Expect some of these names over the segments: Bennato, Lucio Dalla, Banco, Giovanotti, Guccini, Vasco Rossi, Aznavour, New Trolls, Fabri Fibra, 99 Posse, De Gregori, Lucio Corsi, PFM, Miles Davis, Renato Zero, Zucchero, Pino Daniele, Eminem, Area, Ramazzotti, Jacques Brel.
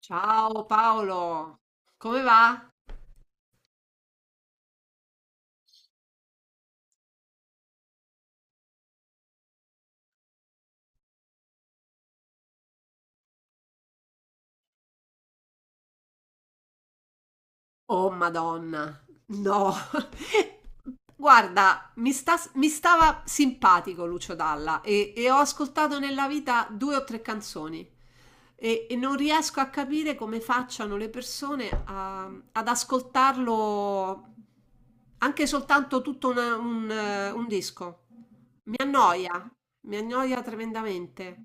Ciao Paolo, come va? Oh Madonna, no. Guarda, mi stava simpatico Lucio Dalla e ho ascoltato nella vita due o tre canzoni e non riesco a capire come facciano le persone ad ascoltarlo anche soltanto tutto un disco. Mi annoia, mi annoia tremendamente.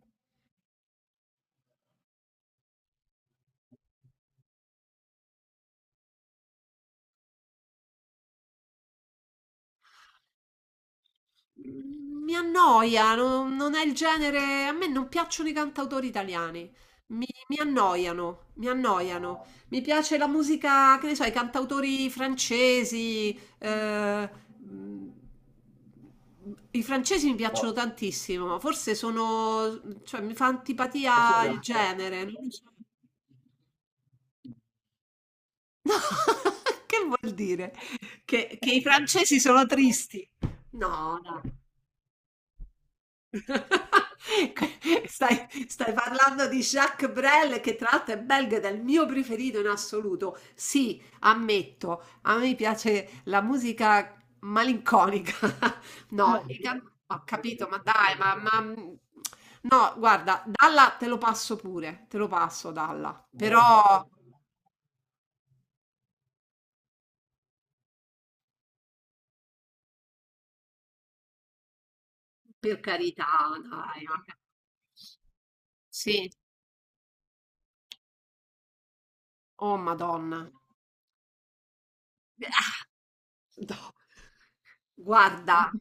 Mi annoia, non è il genere. A me non piacciono i cantautori italiani. Mi annoiano, mi annoiano. Mi piace la musica, che ne so, i cantautori francesi. Mh, i francesi mi piacciono, no, tantissimo. Forse sono, cioè, mi fa antipatia il scusa, genere. Non lo so. No, che vuol dire? Che i francesi sono tristi. No, no. Stai parlando di Jacques Brel che tra l'altro è belga ed è il mio preferito in assoluto. Sì, ammetto, a me piace la musica malinconica. No, ho capito, ma dai. No, guarda, Dalla te lo passo pure, te lo passo Dalla, però per carità, dai. Vabbè. Sì, oh Madonna. No. Guarda.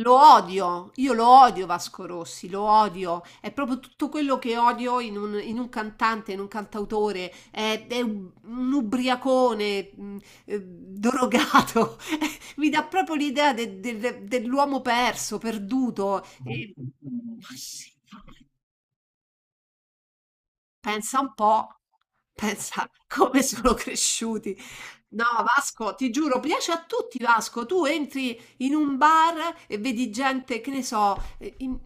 Lo odio, io lo odio Vasco Rossi, lo odio, è proprio tutto quello che odio in un, cantante, in un cantautore, è un ubriacone, drogato, mi dà proprio l'idea dell'uomo perso, perduto. Ma sì. Pensa un po', pensa come sono cresciuti. No, Vasco, ti giuro, piace a tutti, Vasco. Tu entri in un bar e vedi gente, che ne so,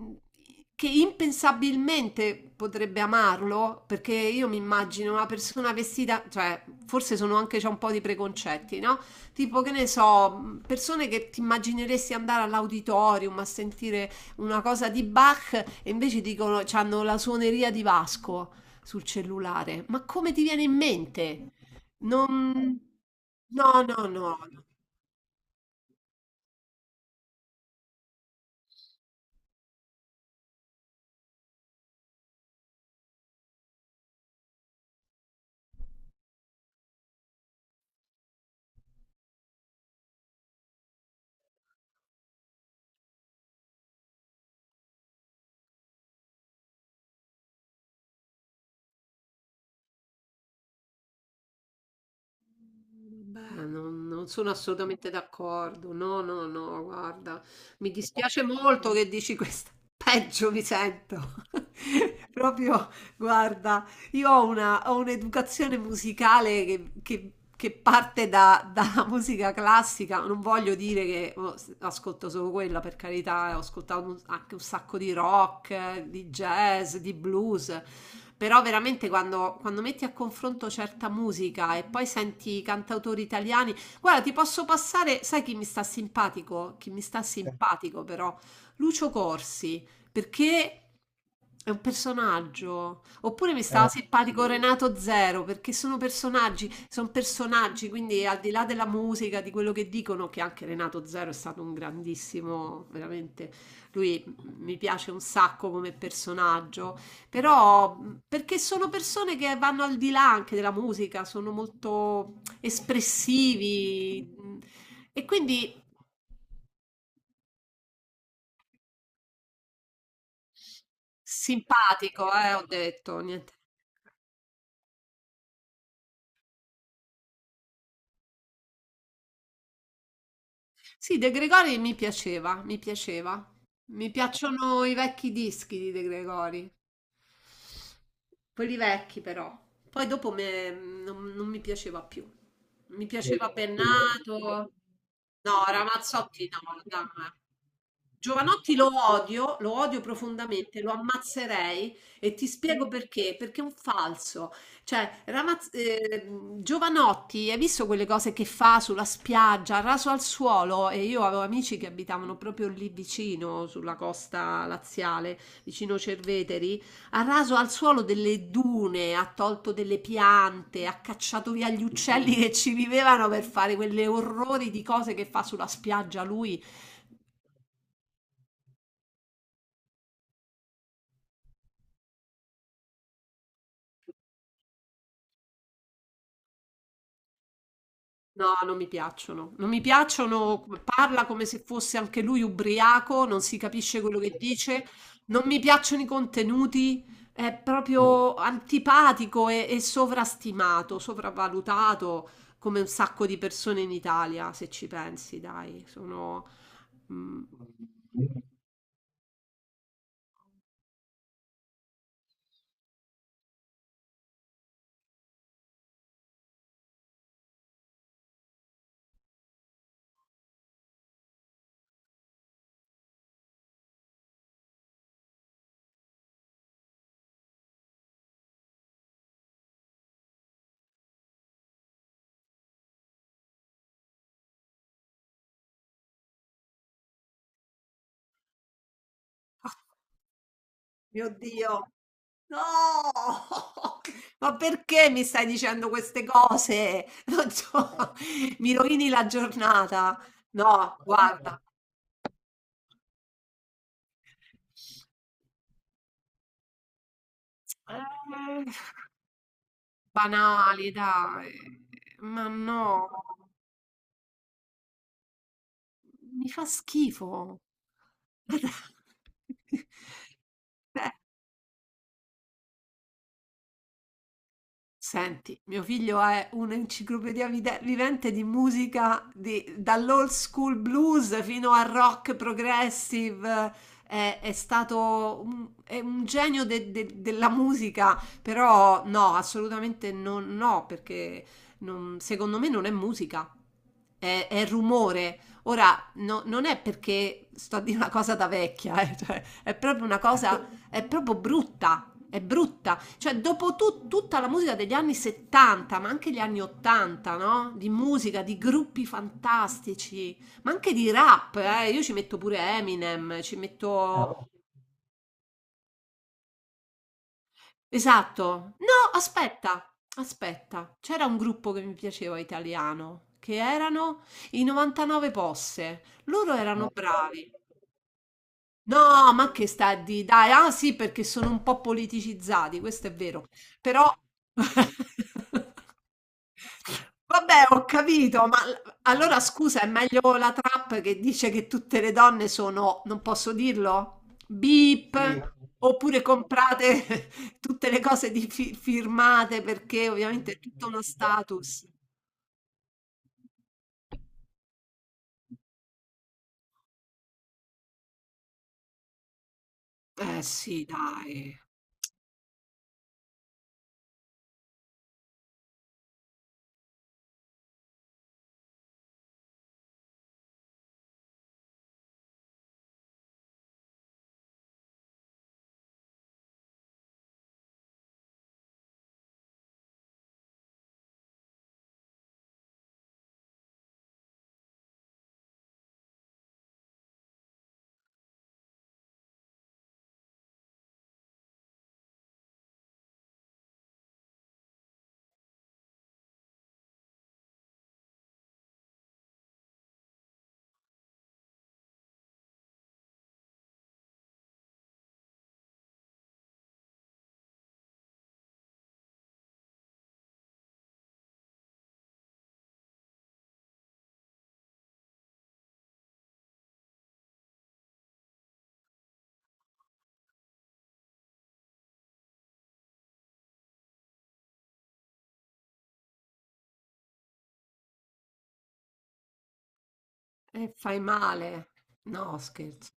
che impensabilmente potrebbe amarlo, perché io mi immagino una persona vestita, cioè, forse sono anche c'è un po' di preconcetti, no? Tipo, che ne so, persone che ti immagineresti andare all'auditorium a sentire una cosa di Bach e invece dicono, hanno la suoneria di Vasco sul cellulare. Ma come ti viene in mente? Non. No, no, no, no, non sono assolutamente d'accordo. No, no, no, guarda, mi dispiace molto che dici questa. Peggio mi sento. Proprio, guarda. Io ho un'educazione musicale che parte dalla musica classica. Non voglio dire che oh, ascolto solo quella, per carità, ho ascoltato anche un sacco di rock, di jazz, di blues. Però veramente quando, metti a confronto certa musica e poi senti i cantautori italiani, guarda, ti posso passare, sai chi mi sta simpatico? Chi mi sta simpatico però? Lucio Corsi perché è un personaggio. Oppure mi stava simpatico Renato Zero, perché sono personaggi, quindi al di là della musica, di quello che dicono, che anche Renato Zero è stato un grandissimo, veramente, lui mi piace un sacco come personaggio, però perché sono persone che vanno al di là anche della musica, sono molto espressivi e quindi simpatico, ho detto, niente. Sì, De Gregori mi piaceva, mi piaceva. Mi piacciono i vecchi dischi di De Gregori, quelli vecchi però. Poi dopo non mi piaceva più. Mi piaceva Bennato. No, Ramazzotti no, dai. Giovanotti lo odio profondamente, lo ammazzerei e ti spiego perché, perché è un falso. Cioè, Giovanotti, hai visto quelle cose che fa sulla spiaggia, raso al suolo? E io avevo amici che abitavano proprio lì vicino, sulla costa laziale, vicino Cerveteri. Ha raso al suolo delle dune, ha tolto delle piante, ha cacciato via gli uccelli che ci vivevano per fare quelle orrori di cose che fa sulla spiaggia lui. No, non mi piacciono. Non mi piacciono, parla come se fosse anche lui ubriaco, non si capisce quello che dice, non mi piacciono i contenuti, è proprio antipatico e sovrastimato, sopravvalutato come un sacco di persone in Italia, se ci pensi, dai, sono. Mm, Mio Dio, no! Ma perché mi stai dicendo queste cose? Non so, mi rovini la giornata. No, guarda. Eh, banali, dai. Ma no, mi fa schifo. Cioè, senti, mio figlio è un'enciclopedia vivente di musica dall'old school blues fino al rock progressive. È stato è un genio della musica, però no, assolutamente no, perché secondo me non è musica, è rumore. Ora, non è perché sto a dire una cosa da vecchia, cioè, è proprio una cosa, è proprio brutta, è brutta. Cioè, dopo tutta la musica degli anni 70, ma anche gli anni 80, no? Di musica, di gruppi fantastici, ma anche di rap, eh? Io ci metto pure Eminem, ci Ah, metto, boh. Esatto. No, aspetta, aspetta. C'era un gruppo che mi piaceva italiano, che erano i 99 Posse. Loro erano, no, bravi. No, ma che sta a di dai, ah sì, perché sono un po' politicizzati, questo è vero. Però Vabbè, ho capito, ma allora scusa, è meglio la trap che dice che tutte le donne sono, non posso dirlo? Sì. Beep, oppure comprate tutte le cose di firmate perché ovviamente è tutto uno status. Eh sì, dai, e fai male. No, scherzo.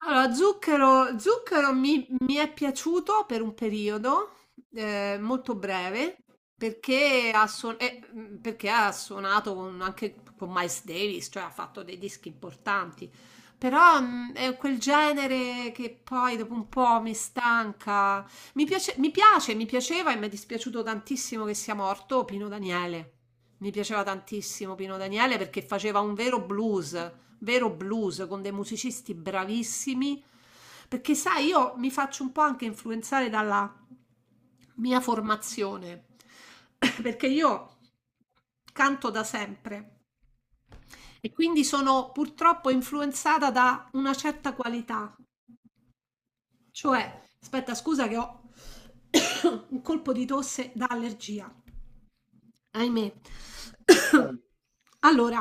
Allora, Zucchero mi è piaciuto per un periodo molto breve perché perché ha suonato anche con Miles Davis, cioè ha fatto dei dischi importanti. Però è quel genere che poi dopo un po' mi stanca. Mi piace, mi piace, mi piaceva e mi è dispiaciuto tantissimo che sia morto Pino Daniele. Mi piaceva tantissimo Pino Daniele perché faceva un vero blues con dei musicisti bravissimi. Perché sai, io mi faccio un po' anche influenzare dalla mia formazione, perché io canto da sempre e quindi sono purtroppo influenzata da una certa qualità. Cioè, aspetta, scusa che ho un colpo di tosse da allergia, ahimè. Allora,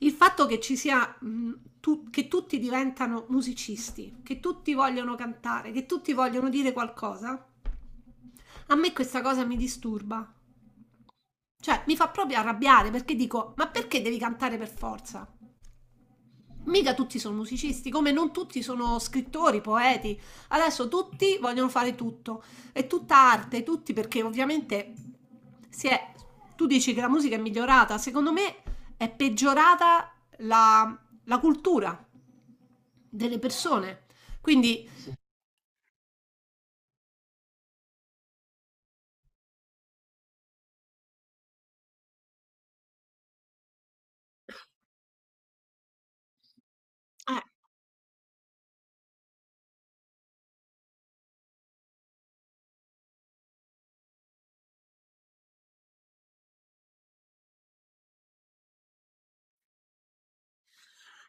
il fatto che ci sia, che tutti diventano musicisti, che tutti vogliono cantare, che tutti vogliono dire qualcosa, a me questa cosa mi disturba. Cioè, mi fa proprio arrabbiare perché dico, ma perché devi cantare per forza? Mica tutti sono musicisti, come non tutti sono scrittori, poeti. Adesso tutti vogliono fare tutto. È tutta arte, tutti perché ovviamente si è. Tu dici che la musica è migliorata, secondo me è peggiorata la, la cultura delle persone. Quindi eh,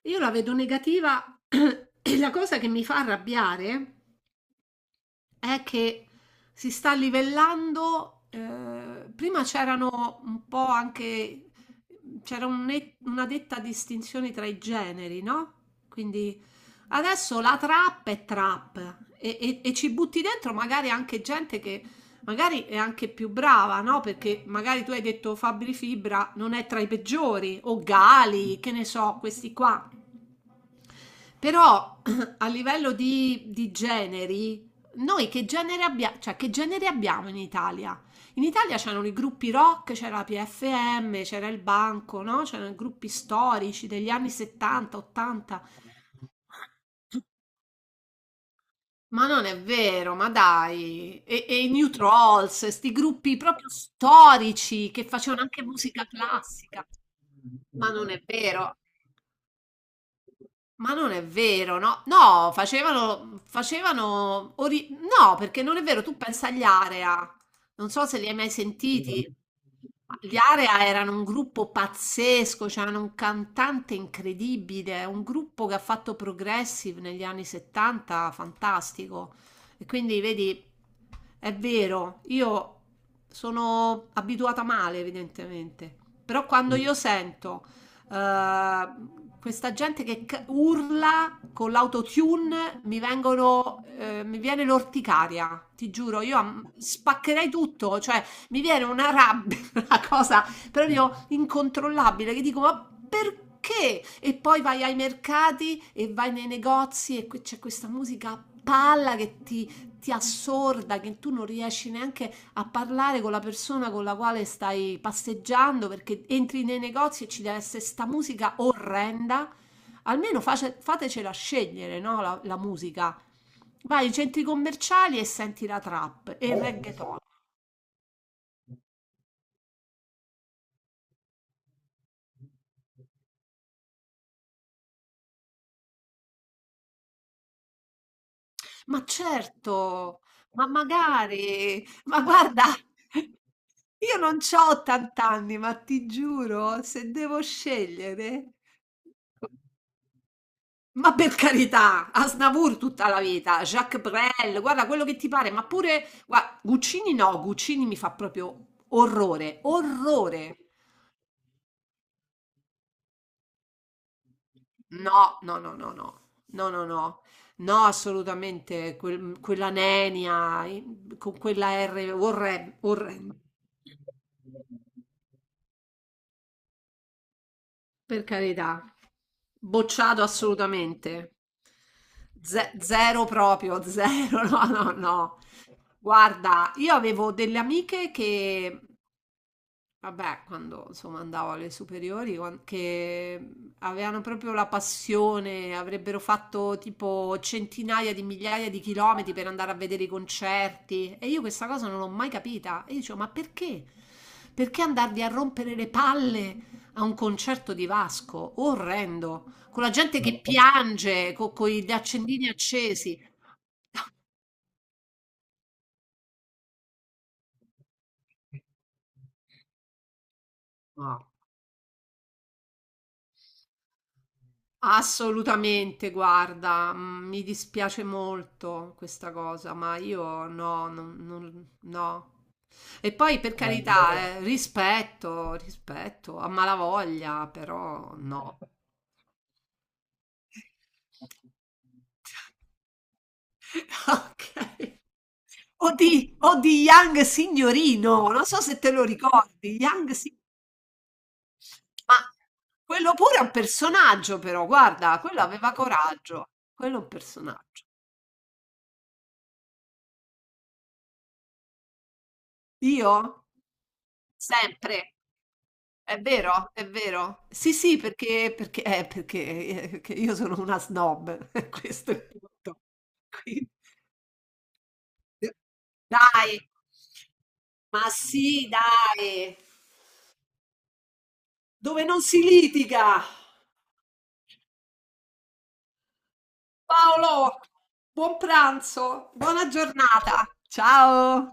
io la vedo negativa e la cosa che mi fa arrabbiare è che si sta livellando, prima c'erano un po' anche, c'era un una netta distinzione tra i generi, no? Quindi adesso la trap è trap e ci butti dentro magari anche gente che magari è anche più brava, no? Perché magari tu hai detto Fabri Fibra non è tra i peggiori, o Gali, che ne so, questi qua. Però a livello di generi, noi che genere abbiamo, cioè che genere abbiamo in Italia? In Italia c'erano i gruppi rock, c'era la PFM, c'era il Banco, no? C'erano i gruppi storici degli anni 70, 80. Ma non è vero, ma dai. E i New Trolls, questi gruppi proprio storici che facevano anche musica classica. Ma non è vero. Ma non è vero, no? No, facevano, facevano, no, perché non è vero, tu pensa agli Area, non so se li hai mai sentiti. Gli Area erano un gruppo pazzesco, c'erano un cantante incredibile, un gruppo che ha fatto progressive negli anni 70, fantastico. E quindi vedi, è vero, io sono abituata male, evidentemente, però quando io sento questa gente che urla con l'autotune, mi viene l'orticaria, ti giuro, io spaccherei tutto, cioè mi viene una rabbia, una cosa proprio incontrollabile, che dico, ma perché? Che? E poi vai ai mercati e vai nei negozi e c'è questa musica a palla che ti assorda, che tu non riesci neanche a parlare con la persona con la quale stai passeggiando perché entri nei negozi e ci deve essere sta musica orrenda. Almeno fatecela scegliere, no? La musica. Vai ai centri commerciali e senti la trap e il reggaeton. Ma certo, ma magari, ma guarda, io non c'ho 80 anni, ma ti giuro, se devo scegliere. Ma per carità, Aznavour tutta la vita, Jacques Brel, guarda quello che ti pare, ma pure, guarda, Guccini no, Guccini mi fa proprio orrore, orrore. No, no, no, no, no, no, no, no, no, assolutamente, quella nenia, con quella R, orrendo, per carità, bocciato assolutamente, zero proprio, zero, no, no, no. Guarda, io avevo delle amiche che Vabbè, quando insomma andavo alle superiori, che avevano proprio la passione, avrebbero fatto tipo centinaia di migliaia di chilometri per andare a vedere i concerti. E io questa cosa non l'ho mai capita. E io dicevo, ma perché? Perché andarvi a rompere le palle a un concerto di Vasco? Orrendo, con la gente che piange, con gli accendini accesi. Assolutamente, guarda, mi dispiace molto questa cosa, ma io no, no. E poi per carità, rispetto, rispetto, a malavoglia, però no. Ok. O di Young Signorino, non so se te lo ricordi, Young Signorino. Ma quello pure è un personaggio, però, guarda, quello aveva coraggio, quello è un personaggio. Io? Sempre. È vero, è vero. Sì, sì, perché perché perché, che io sono una snob, questo è il punto. Quindi dai! Ma sì, dai! Dove non si litiga! Paolo, buon pranzo, buona giornata. Ciao!